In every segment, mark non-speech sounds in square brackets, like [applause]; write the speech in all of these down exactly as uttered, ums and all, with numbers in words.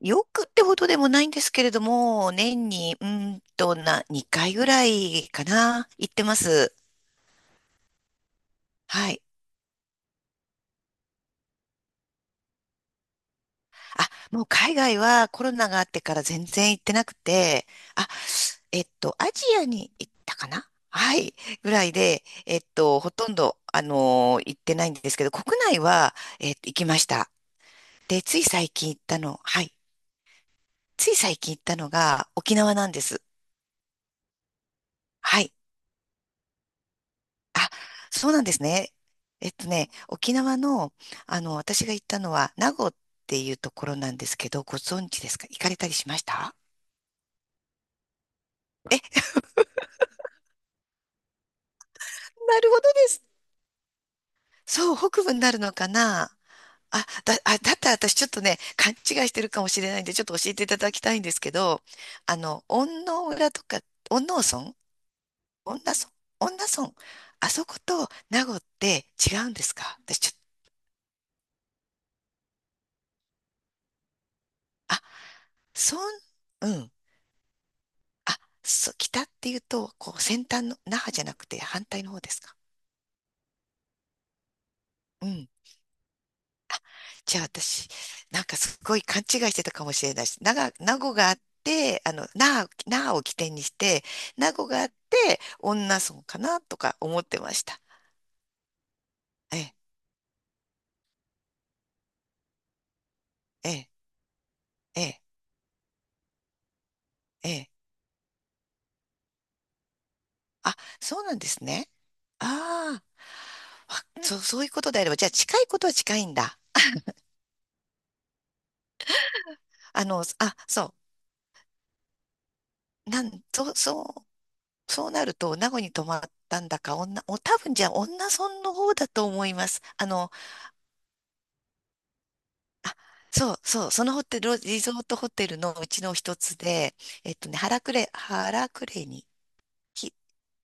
よくってほどでもないんですけれども、年に、うーんとな、にかいぐらいかな、行ってます。はい。あ、もう海外はコロナがあってから全然行ってなくて、あ、えっと、アジアに行ったかな。はい。ぐらいで、えっと、ほとんど、あのー行ってないんですけど、国内は、えっと、行きました。で、つい最近行ったの、はい。つい最近行ったのが沖縄なんです。はい。あ、そうなんですね。えっとね、沖縄の、あの、私が行ったのは、名護っていうところなんですけど、ご存知ですか？行かれたりしました？え、なるほどです。そう、北部になるのかな。あ、だ、あ、だったら私ちょっとね、勘違いしてるかもしれないんで、ちょっと教えていただきたいんですけど、あの、恩納村とか、恩納村恩納村恩納村あそこと名護って違うんですか？私ちょっと、あ、村、うん。あ、そう、北っていうと、こう、先端の、那覇じゃなくて反対の方ですか。うん。じゃあ私、なんかすごい勘違いしてたかもしれないし、名が、名護があって、あの、那覇、那覇を起点にして、名護があって、女村かなとか思ってました。ええ、ええ、ええ、ええ。あ、そうなんですね。ああ、わそう、そういうことであれば、じゃあ近いことは近いんだ。あの、あ、そう、なん、そう、そうそうなると、名護に泊まったんだか、女、お、多分じゃあ、女村の方だと思います。あの、そうそう、そのホテル、リゾートホテルのうちの一つで、えっとね、原クレ、原クレに、き、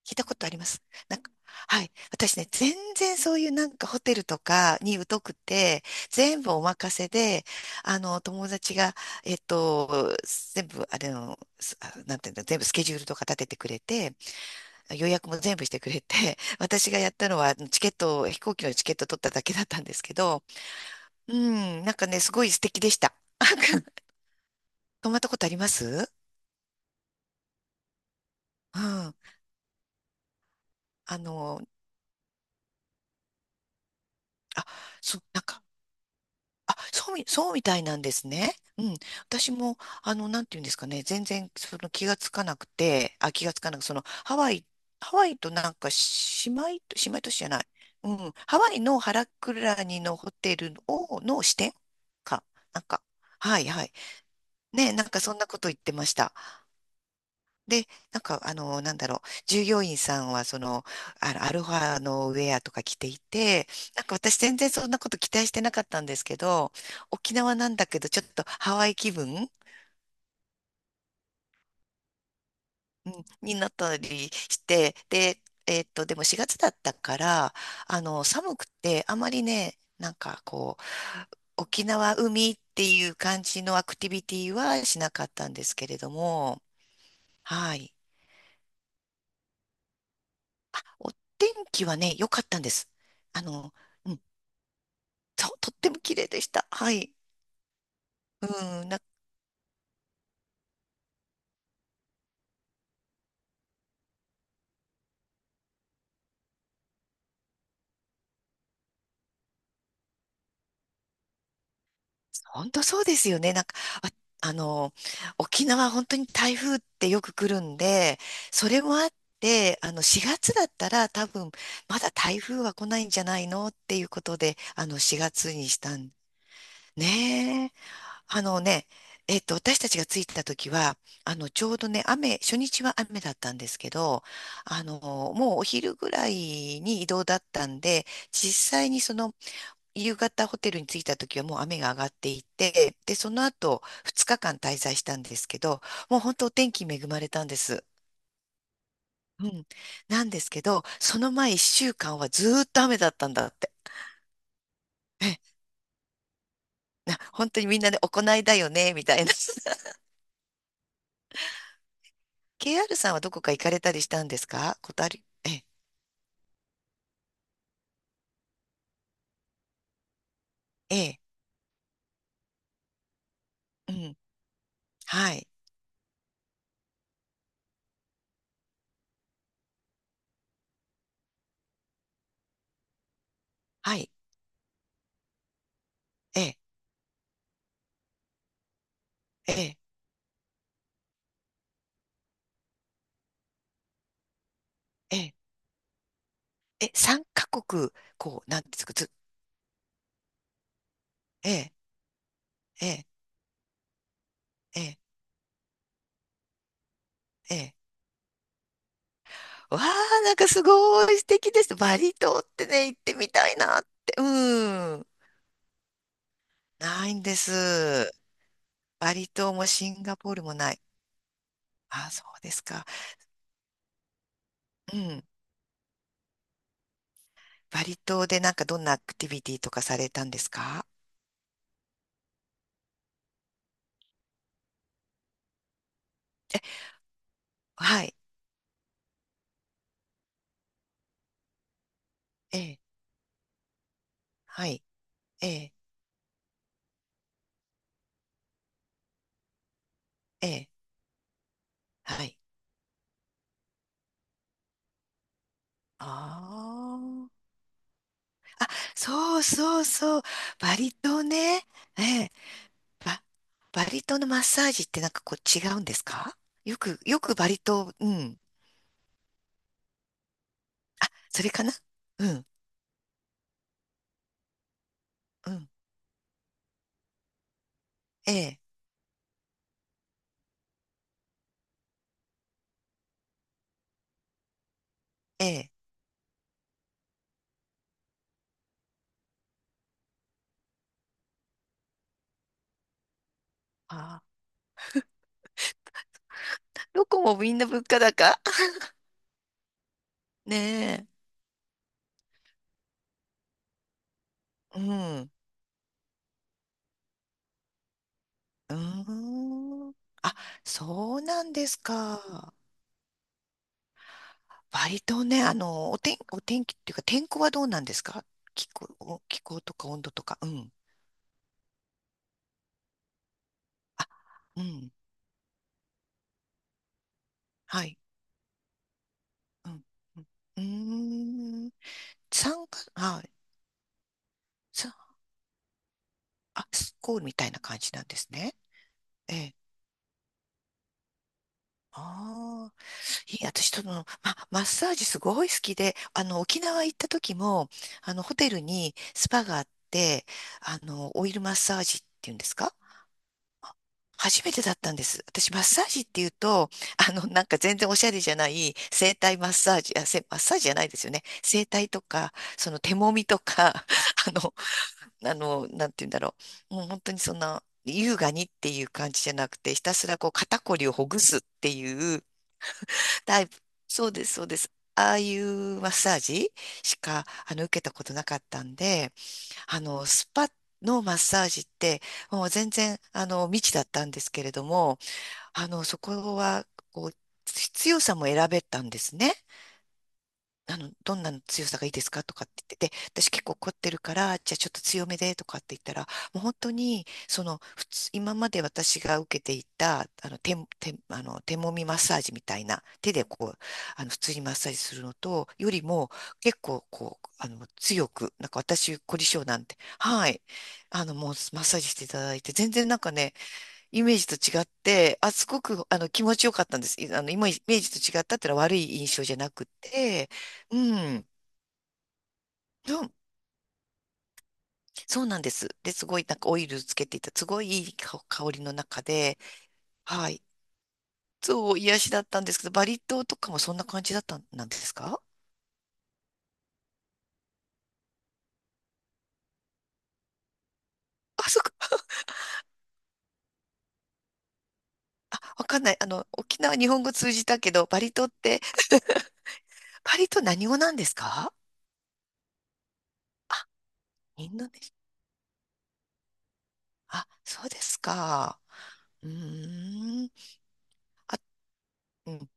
聞いたことあります？なんか、はい。私ね、全然そういうなんかホテルとかに疎くて、全部お任せで、あの、友達が、えっと、全部、あれの、すあ、なんていうんだ、全部スケジュールとか立ててくれて、予約も全部してくれて、[laughs] 私がやったのはチケットを、飛行機のチケット取っただけだったんですけど、うん、なんかね、すごい素敵でした。[laughs] 泊まったことあります？うん。あの、あ、そう、なんか、あ、そうみ、そうみたいなんですね。うん。私も、あの、なんていうんですかね、全然、その気がつかなくて、あ、気がつかなく、その、ハワイ、ハワイとなんか、姉妹都、姉妹都市じゃない。うん。ハワイのハラクラニのホテルを、の支店か。なんか、はい、はい。ね、なんかそんなこと言ってました。で、なんか、あの、なんだろう、従業員さんは、その、あのアルファのウェアとか着ていて、なんか私全然そんなこと期待してなかったんですけど、沖縄なんだけど、ちょっとハワイ気分、うん、になったりして、で、えーっと、でもしがつだったから、あの、寒くて、あまりね、なんかこう、沖縄海っていう感じのアクティビティはしなかったんですけれども、はい。お天気はね、良かったんです。あの、うんと、とっても綺麗でした。はい。うん、なんか、本当そうですよね。なんか、あ、あの、沖縄本当に台風ってよく来るんで、それもあって、あの、しがつだったら多分、まだ台風は来ないんじゃないのっていうことで、あの、しがつにしたん。ねえ。あのね、えっと、私たちが着いた時は、あの、ちょうどね、雨、初日は雨だったんですけど、あの、もうお昼ぐらいに移動だったんで、実際にその夕方ホテルに着いた時はもう雨が上がっていて、で、その後ふつかかん滞在したんですけど、もう本当お天気恵まれたんです。うん。なんですけど、その前いっしゅうかんはずーっと雨だったんだって。え、な、本当にみんなで行いだよね、みたいな。[laughs] ケーアール さんはどこか行かれたりしたんですか？ことある？え、ええ、うん。はい。はい。ええ、ええ、ええ、え、さんカ国、こう、なんですか、ず、ええ、ええ、ええ、ええ。わあ、なんかすごい素敵です。バリ島ってね、行ってみたいなって。うん。ないんです。バリ島もシンガポールもない。あ、そうですか。うん。バリ島でなんかどんなアクティビティとかされたんですか？はい。ええ。はい。ええ。ええ。はい。ああ。そうそうそう。バリ島ね。ええ。バ、バリ島のマッサージってなんかこう違うんですか？よく、よくバリ島、うん。それかな？うんうん。ええ、ええ。ああ、どこもみんな物価高。 [laughs] ねえ。うん。うーん。あ、そうなんですか。割とね、あの、お天、お天気っていうか、天候はどうなんですか？気候、お気候とか温度とか。うん。あ、うん。はい。うん。うん。うーん。三月、はい。さ、あ、スコールみたいな感じなんですね。ええ。ああ。いい、私、その、ま、マッサージすごい好きで、あの、沖縄行った時も、あの、ホテルにスパがあって、あの、オイルマッサージっていうんですか？初めてだったんです。私、マッサージっていうと、あの、なんか全然おしゃれじゃない、整体マッサージ、あ、せ、マッサージじゃないですよね。整体とか、その手揉みとか、[laughs] あの、あの、なんて言うんだろう。もう本当にそんな、優雅にっていう感じじゃなくて、ひたすらこう肩こりをほぐすっていう、タイプ。そうです、そうです。ああいうマッサージしか、あの、受けたことなかったんで、あの、スパのマッサージって、もう全然、あの、未知だったんですけれども、あの、そこは、こう、必要さも選べたんですね。あの、どんなの強さがいいですかとかって言ってて、私結構凝ってるから、じゃあちょっと強めでとかって言ったら、もう本当に、その、普通、今まで私が受けていた、あの、手、手、あの、手もみマッサージみたいな、手でこう、あの、普通にマッサージするのと、よりも、結構こう、あの、強く、なんか私、凝り性なんて、はい、あの、もうマッサージしていただいて、全然なんかね、イメージと違って、あ、すごく、あの、気持ちよかったんです。いあの、今、イメージと違ったっていうのは悪い印象じゃなくて、うん。うん。そうなんです。で、すごい、なんかオイルつけていた、すごいいい香香りの中で、はい。そう、癒しだったんですけど、バリ島とかもそんな感じだったん、なんですか？あ、そっか、わかんない。あの、沖縄日本語通じたけど、バリ島って、バリ島何語なんですか？あ、インドネシア。あ、そうですか。うーん。あ、うん